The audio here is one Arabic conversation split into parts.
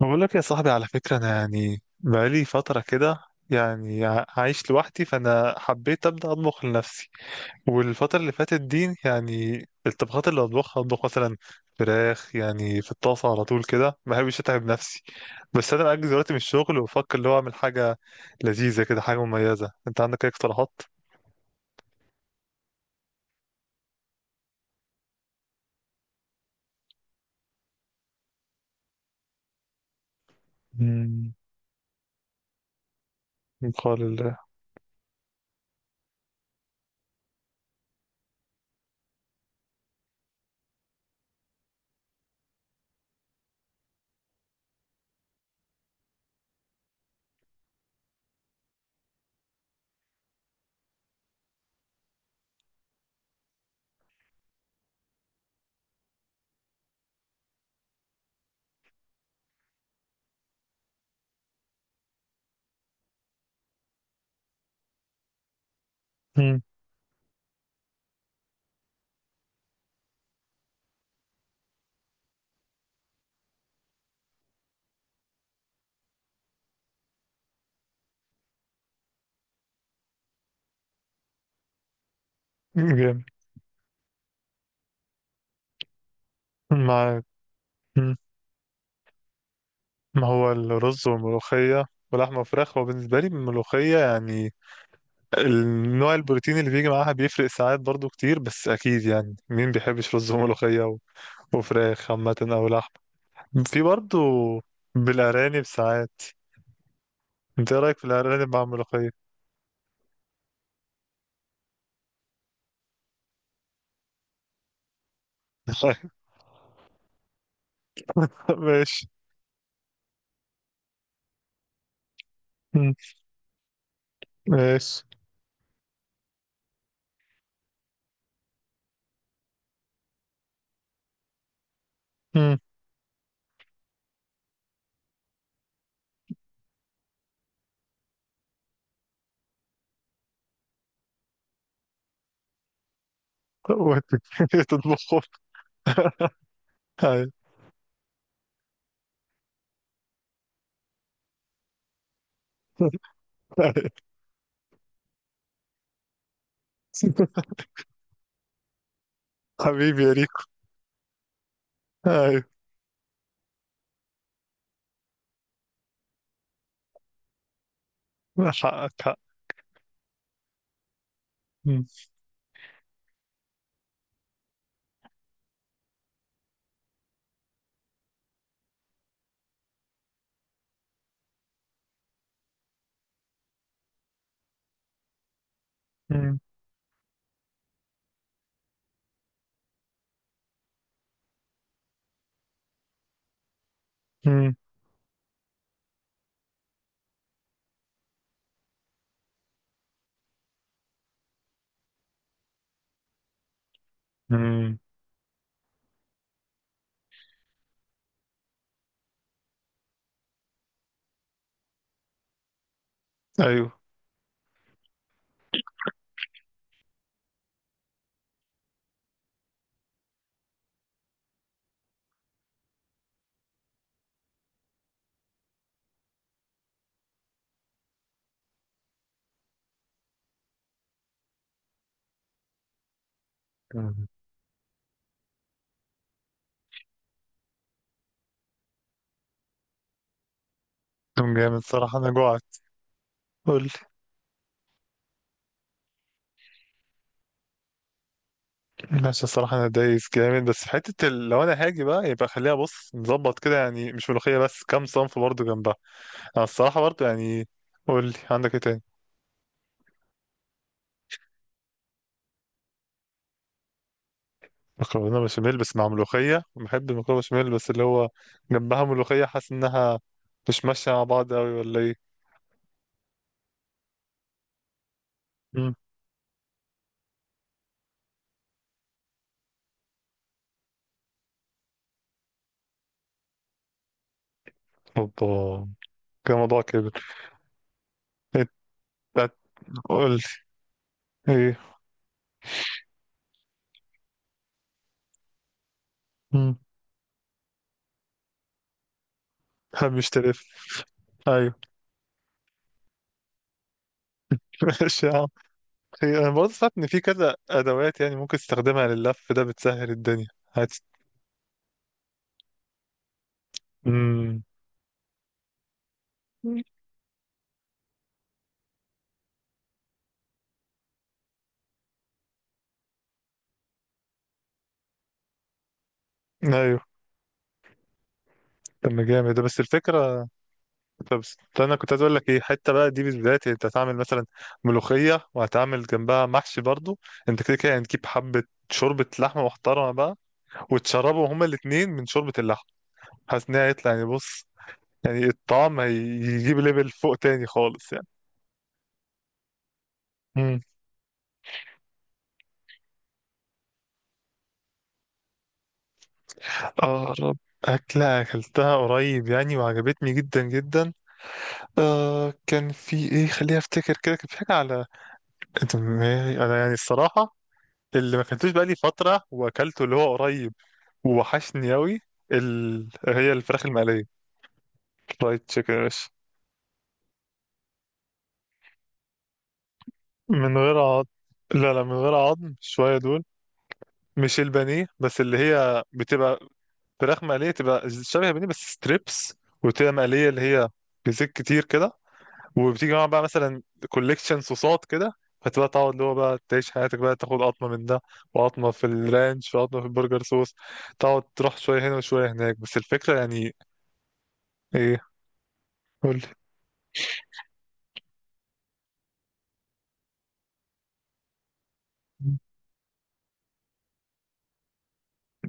بقول لك يا صاحبي، على فكرة أنا يعني بقالي فترة كده، يعني عايش لوحدي، فأنا حبيت أبدأ أطبخ لنفسي. والفترة اللي فاتت دي يعني الطبخات اللي أطبخها، أطبخ مثلا فراخ يعني في الطاسة على طول كده، ما بحبش أتعب نفسي. بس أنا بأجز دلوقتي من الشغل، وبفكر اللي هو أعمل حاجة لذيذة كده، حاجة مميزة. أنت عندك أي اقتراحات؟ مم، من قال الله. مم، جامد. معاك. مم. ما هو الرز والملوخية ولحمة وفراخ، هو بالنسبة لي الملوخية يعني النوع البروتين اللي بيجي معاها بيفرق ساعات برضو كتير، بس اكيد يعني مين بيحبش رز وملوخية وفراخ عامة او لحم. في برضو بالارانب ساعات. انت ايه رايك في الارانب مع الملوخية؟ ماشي. مم. ماشي. مم. وت- تطبخهم؟ أيوة. أيوة. حبيبي يا ريكو. ايوه. حقك حق. مم. مم. مم. مم. ايوه. مم. كان جامد صراحة، انا جوعت. قول. ماشي الصراحة، أنا دايس جامد، بس في حتة لو أنا هاجي بقى يبقى خليها، بص نظبط كده يعني، مش ملوخية بس، كام صنف برضه جنبها. أنا الصراحة برضه يعني، قول لي عندك إيه تاني؟ مكرونة بشاميل بس مع ملوخية؟ بحب المكرونة بشاميل، بس اللي هو جنبها ملوخية، حاسس إنها مش ماشية مع بعض أوي، ولا إيه؟ مم. اوبا. كده موضوع كبر. إنت، قول لي إيه؟ مم. مش تلف. أيوه. ماشي يا عم. إيه، أنا برضه سمعت إن في كذا أدوات يعني ممكن تستخدمها لللف ده، بتسهل الدنيا. امم. ايوه. طب ما جامد ده، بس الفكره. طب بس، طب انا كنت عايز اقول لك ايه، حته بقى دي بالذات، انت هتعمل مثلا ملوخيه وهتعمل جنبها محشي برضو، انت كده كده هتجيب حبه شوربه لحمه محترمه بقى، وتشربوا هما الاتنين من شوربه اللحمه. حاسس ان هي هيطلع يعني، بص يعني الطعم هيجيب ليفل فوق تاني خالص يعني. امم. اقرب اكله اكلتها قريب يعني، وعجبتني جدا جدا، آه كان في ايه، خليني افتكر كده، كان في حاجه على دماغي انا يعني الصراحه، اللي ما كلتوش بقالي فترة وأكلته اللي هو قريب، ووحشني أوي، هي الفراخ المقلية. فرايد تشيكن يا باشا. من غير عظم. لا لا، من غير عظم شوية دول. مش البانيه، بس اللي هي بتبقى فراخ مقلية، تبقى شبه البانيه بس ستريبس، وتبقى مقلية اللي هي بزيت كتير كده، وبتيجي معاها بقى مثلا كوليكشن صوصات كده، فتبقى تقعد اللي هو بقى تعيش حياتك بقى، تاخد قطمة من ده، وقطمة في الرانش، وقطمة في البرجر صوص، تقعد تروح شوية هنا وشوية هناك، بس الفكرة يعني. إيه، قول لي.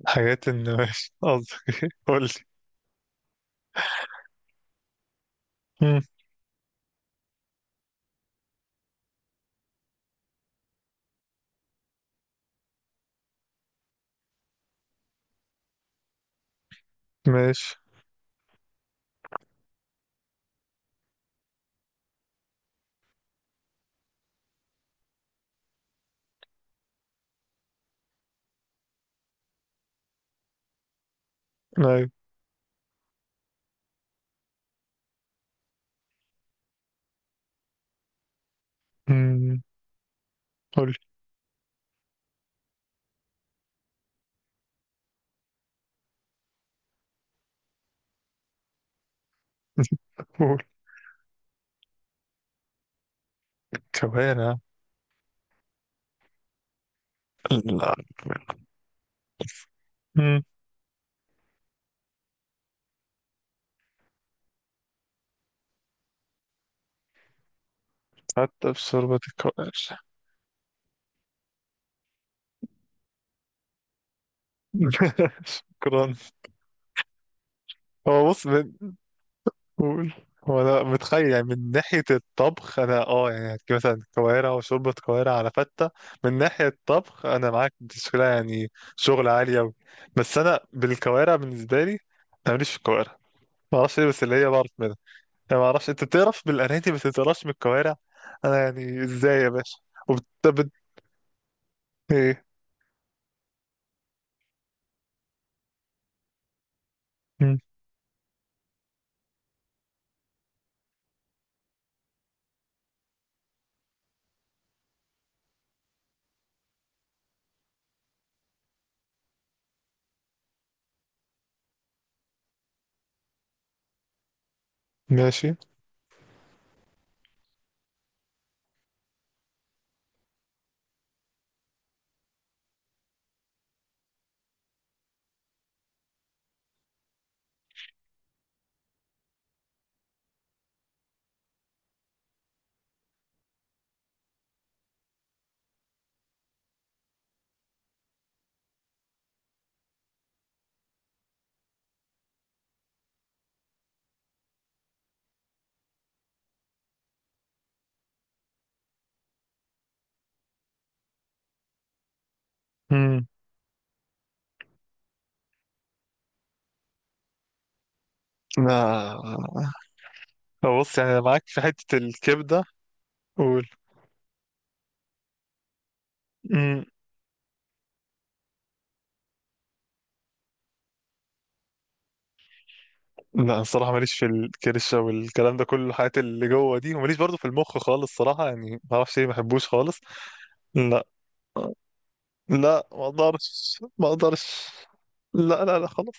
حاجات ان ماشي قصدك ايه؟ قول لي. مم. ماشي. ايوه. مم. قول لي. قول. كوارع؟ لا. مم. حتى في شوربة الكوارع؟ شكرا. هو بص من، قول. هو انا متخيل يعني من ناحية الطبخ، انا اه يعني هتجيب مثلا كوارع وشوربة كوارع على فتة، من ناحية الطبخ انا معاك، دي شغلة يعني شغل عالي اوي، بس انا بالكوارع بالنسبة لي، انا ماليش في الكوارع، معرفش ليه، بس اللي هي بعرف منها، انا ما اعرفش انت بتقرف بالاناتي بس ما بتقرفش بالكوارع، انا يعني ازاي يا باشا؟ وبت بت... ايه. مم. ماشي. امم. لا بص، يعني انا معاك في حتة الكبدة. قول. مم. لا الصراحة ماليش في الكرشة والكلام ده كله، الحاجات اللي جوه دي، وماليش برضو في المخ خالص صراحة، يعني ما اعرفش ليه، ما بحبوش خالص. لا. لا ما اقدرش ما اقدرش. لا لا لا، خلاص.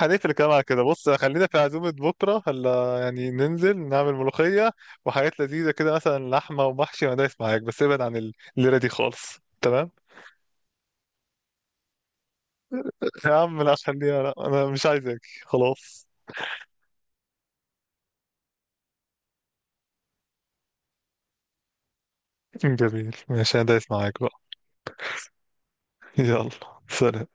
هنقفل الكلام على كده. بص خلينا في عزومة بكرة، هلا يعني ننزل نعمل ملوخية وحاجات لذيذة كده، مثلا لحمة ومحشي، ما دايس معاك، بس ابعد عن الليرة دي خالص، تمام. يا عم لا، خليها. لا انا مش عايزك. خلاص. جميل ماشي، انا دايس معاك بقى. يلا سلام.